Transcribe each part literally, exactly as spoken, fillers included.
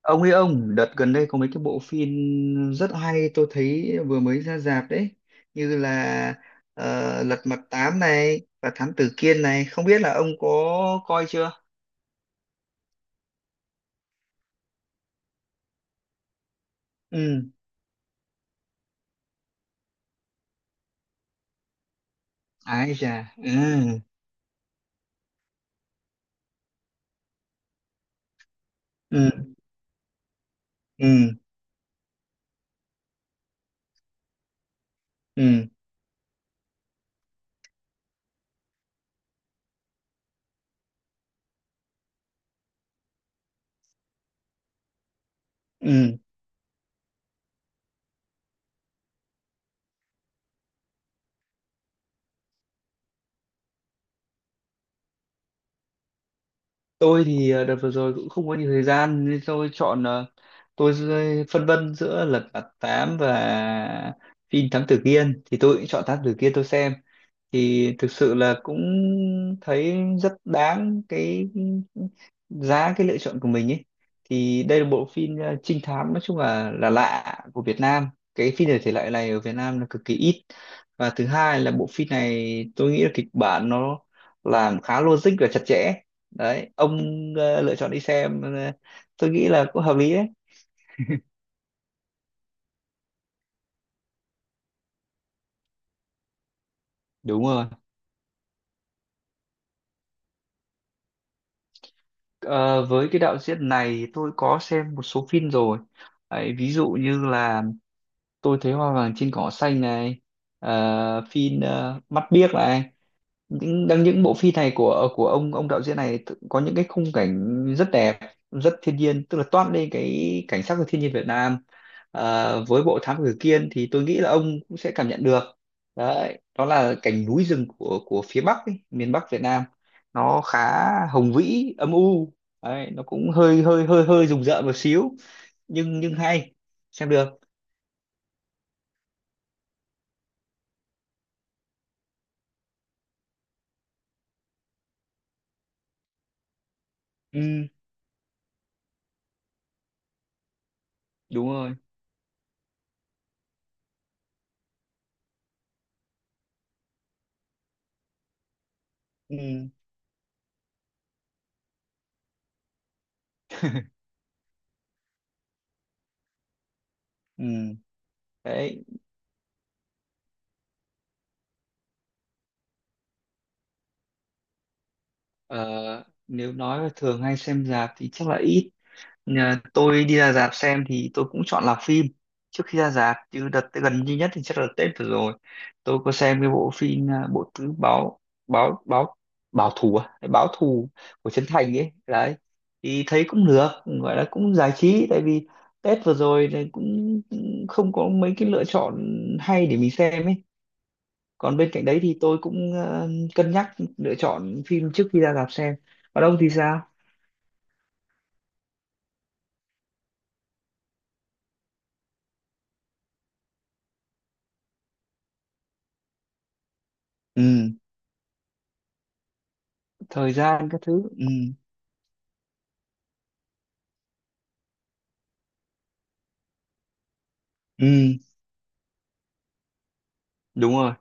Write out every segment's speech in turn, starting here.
Ông ấy ông đợt gần đây có mấy cái bộ phim rất hay tôi thấy vừa mới ra rạp đấy, như là ờ, Lật Mặt Tám này và Thám Tử Kiên này, không biết là ông có coi chưa. Ừ, ái chà, ừ, ừ, ừ, ừ, ừ. Tôi thì ờ, đợt vừa rồi cũng không có nhiều thời gian nên tôi chọn, ờ, tôi rơi- phân vân giữa Lật Mặt Tám và phim Thám Tử Kiên, thì tôi cũng chọn Thám Tử Kiên tôi xem. Thì thực sự là cũng thấy rất đáng cái giá cái lựa chọn của mình ấy. Thì đây là bộ phim ờ, trinh thám, nói chung là là lạ của Việt Nam. Cái phim thể thể loại này ở Việt Nam là cực kỳ ít. Và thứ hai là bộ phim này tôi nghĩ là kịch bản nó làm khá logic và chặt chẽ. Đấy, ông ờ, lựa chọn đi xem, ờ, tôi nghĩ là cũng hợp lý đấy. Đúng rồi. Ờ, với cái đạo diễn này thì tôi có xem một số phim rồi. Đấy, ví dụ như là tôi thấy hoa vàng trên cỏ xanh này, ờ, phim ờ, mắt biếc này, những đang những bộ phim này của của ông ông đạo diễn này th- có những cái khung cảnh rất đẹp, rất thiên nhiên, tức là toát lên cái cảnh sắc của thiên nhiên Việt Nam. Ờ, với bộ Thám Tử Kiên thì tôi nghĩ là ông cũng sẽ cảm nhận được. Đấy, đó là cảnh núi rừng của của phía Bắc ấy, miền Bắc Việt Nam. Nó khá hùng vĩ, âm u. Đấy, nó cũng hơi hơi hơi hơi rùng rợn một xíu, nhưng nhưng hay, xem được. Ừ, đúng rồi, ừ, ừ, đấy. Ờ, nếu nói là thường hay xem rạp thì chắc là ít. Nhà tôi đi ra rạp xem thì tôi cũng chọn là phim trước khi ra rạp, chứ đợt gần duy nhất thì chắc là Tết vừa rồi tôi có xem cái bộ phim, à, bộ tứ báo báo báo báo thù, à, Hay báo thù của Trấn Thành ấy. Đấy, thì thấy cũng được, gọi là cũng giải trí, tại vì Tết vừa rồi thì cũng cũng không có mấy cái lựa chọn hay để mình xem ấy. Còn bên cạnh đấy thì tôi cũng ờ, cân nhắc lựa chọn phim trước khi ra rạp xem. Còn ông thì sao? Ừ, thời gian các thứ, ừ, ừ, đúng rồi.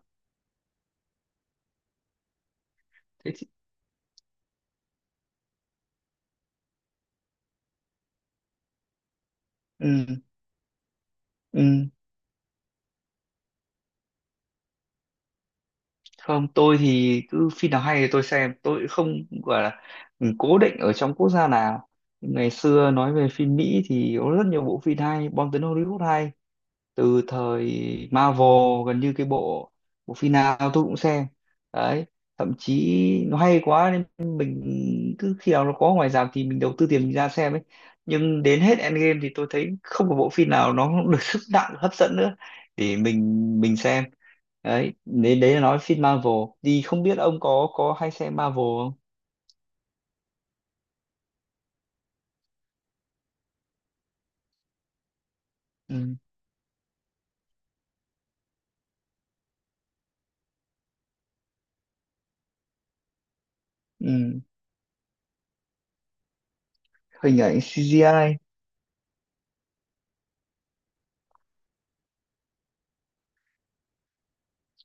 Thế thì- ừ, ừ, không, tôi thì cứ phim nào hay thì tôi xem, tôi không gọi là ừ, cố định ở trong quốc gia nào. Ngày xưa nói về phim Mỹ thì có rất nhiều bộ phim hay, bom tấn Hollywood hay từ thời Marvel, gần như cái bộ bộ phim nào tôi cũng xem. Đấy, thậm chí nó hay quá nên mình cứ khi nào nó có ngoài rạp thì mình đầu tư tiền mình ra xem ấy. Nhưng đến hết Endgame thì tôi thấy không có bộ phim nào nó được sức nặng hấp dẫn nữa để mình mình xem. Đấy, nên đấy là nói phim Marvel, thì không biết ông có có hay xem Marvel không. Ừ. Ừ. Hình ảnh xê giê i.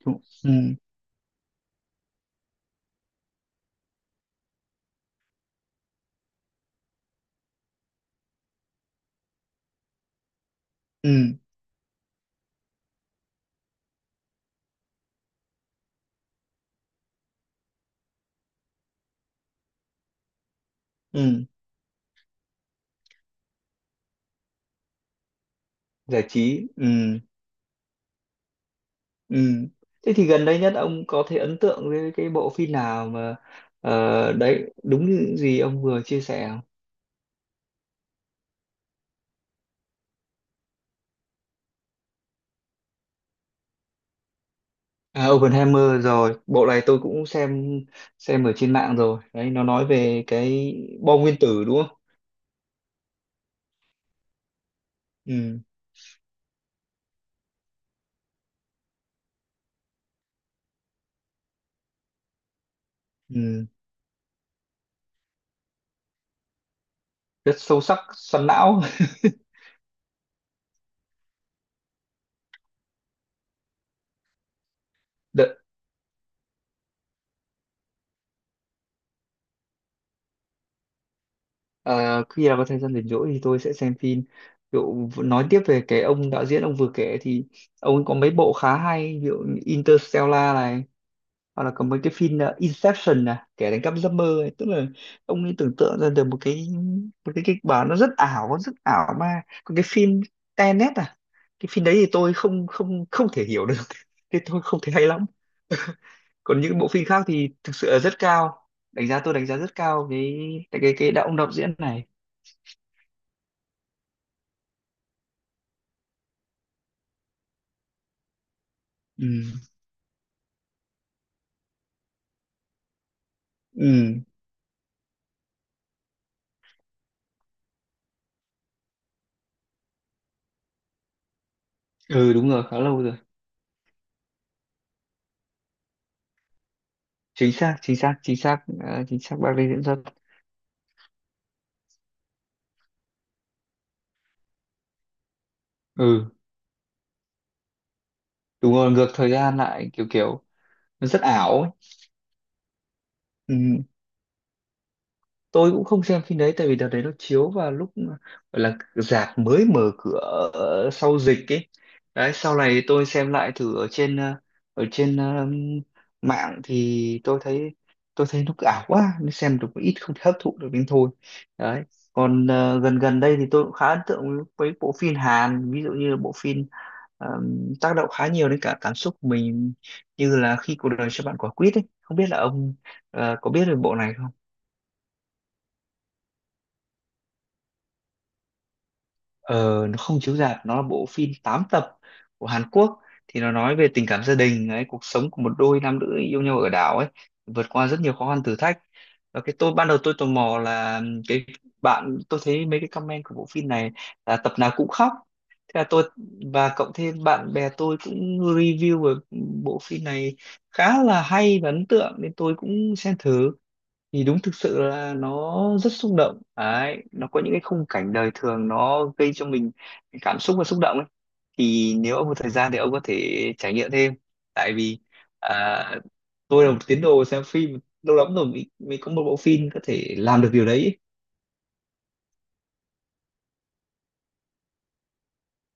Ừ. Ừ. Ừ. Ừ, giải trí. Ừ. Ừ. Thế thì gần đây nhất ông có thể ấn tượng với cái bộ phim nào mà ờ, đấy đúng như gì ông vừa chia sẻ không? À, Oppenheimer rồi, bộ này tôi cũng xem xem ở trên mạng rồi. Đấy, nó nói về cái bom nguyên tử đúng không? Ừ, ừ. Rất sâu sắc, xoắn não. Đợ, ờ, khi nào có thời gian rảnh rỗi thì tôi sẽ xem phim. Ví dụ nói tiếp về cái ông đạo diễn ông vừa kể thì ông ấy có mấy bộ khá hay, ví dụ như Interstellar này, hoặc là có mấy cái phim uh, Inception nè, kẻ đánh cắp giấc mơ ấy. Tức là ông ấy tưởng tượng ra được một cái, một cái kịch bản nó rất ảo, nó rất ảo ma. Còn cái phim Tenet à, cái phim đấy thì tôi không không không thể hiểu được, thì tôi không thấy hay lắm. Còn những bộ phim khác thì thực sự là rất cao đánh giá, tôi đánh giá rất cao cái cái cái, cái đạo ông đạo diễn này. Ừ, ừ, ừ, đúng rồi, khá lâu rồi. Chính xác, chính xác, chính xác, à, chính xác bác đây diễn xuất. Ừ, đúng rồi, ngược thời gian lại, kiểu kiểu nó rất ảo ấy. Ừ. Tôi cũng không xem phim đấy tại vì đợt đấy nó chiếu vào lúc gọi là rạp mới mở cửa ờ, sau dịch ấy. Đấy, sau này tôi xem lại thử ở trên ờ, ở trên ờ, mạng thì tôi thấy tôi thấy nó ảo quá, nó xem được một ít không thể hấp thụ được đến thôi. Đấy, còn ờ, gần gần đây thì tôi cũng khá ấn tượng với với bộ phim Hàn, ví dụ như là bộ phim ờ, tác động khá nhiều đến cả cảm xúc của mình, như là khi cuộc đời cho bạn quả quýt ấy, không biết là ông ờ, có biết về bộ này không. Ờ, nó không chiếu rạp, nó là bộ phim tám tập của Hàn Quốc. Thì nó nói về tình cảm gia đình ấy, cuộc sống của một đôi nam nữ yêu nhau ở đảo ấy, vượt qua rất nhiều khó khăn thử thách. Và cái tôi ban đầu tôi tò mò là cái bạn tôi thấy mấy cái comment của bộ phim này là tập nào cũng khóc, thế là tôi, và cộng thêm bạn bè tôi cũng review về bộ phim này khá là hay và ấn tượng nên tôi cũng xem thử. Thì đúng thực sự là nó rất xúc động đấy, nó có những cái khung cảnh đời thường nó gây cho mình cái cảm xúc và xúc động ấy. Thì nếu ông có thời gian thì ông có thể trải nghiệm thêm, tại vì à, tôi là một tín đồ xem phim lâu lắm rồi mới, mới có một bộ phim có thể làm được điều đấy ấy.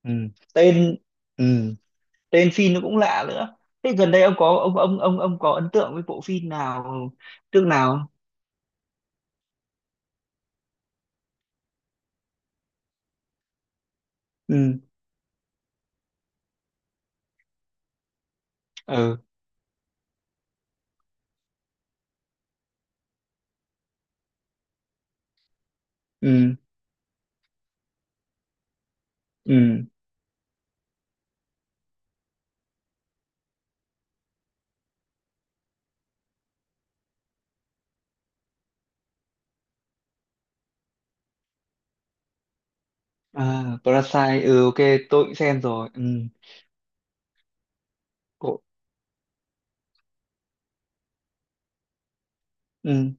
Ừ. Tên, ừ, tên phim nó cũng lạ nữa. Thế gần đây ông có ông ông ông ông có ấn tượng với bộ phim nào trước nào không? Ừ, ừ, ừ, ừ. À, Parasite, ừ, ok, tôi cũng xem rồi. Ừ, cổ, ừ,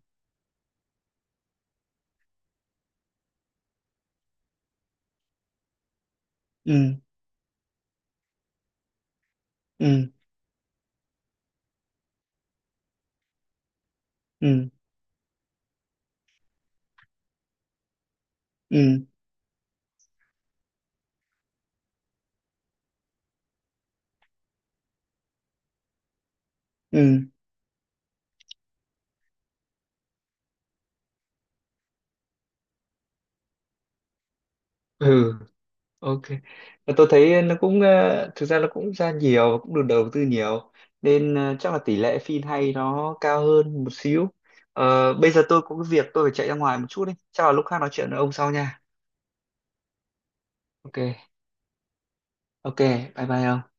ừ, ừ, ừ, ừ, ừ, ừ, ok. Và tôi thấy nó cũng, ờ, thực ra nó cũng ra nhiều, cũng được đầu tư nhiều. Nên ờ, chắc là tỷ lệ phim hay nó cao hơn một xíu. Ờ, bây giờ tôi có cái việc tôi phải chạy ra ngoài một chút đi. Chắc là lúc khác nói chuyện với ông sau nha. Ok, ok, bye bye ông.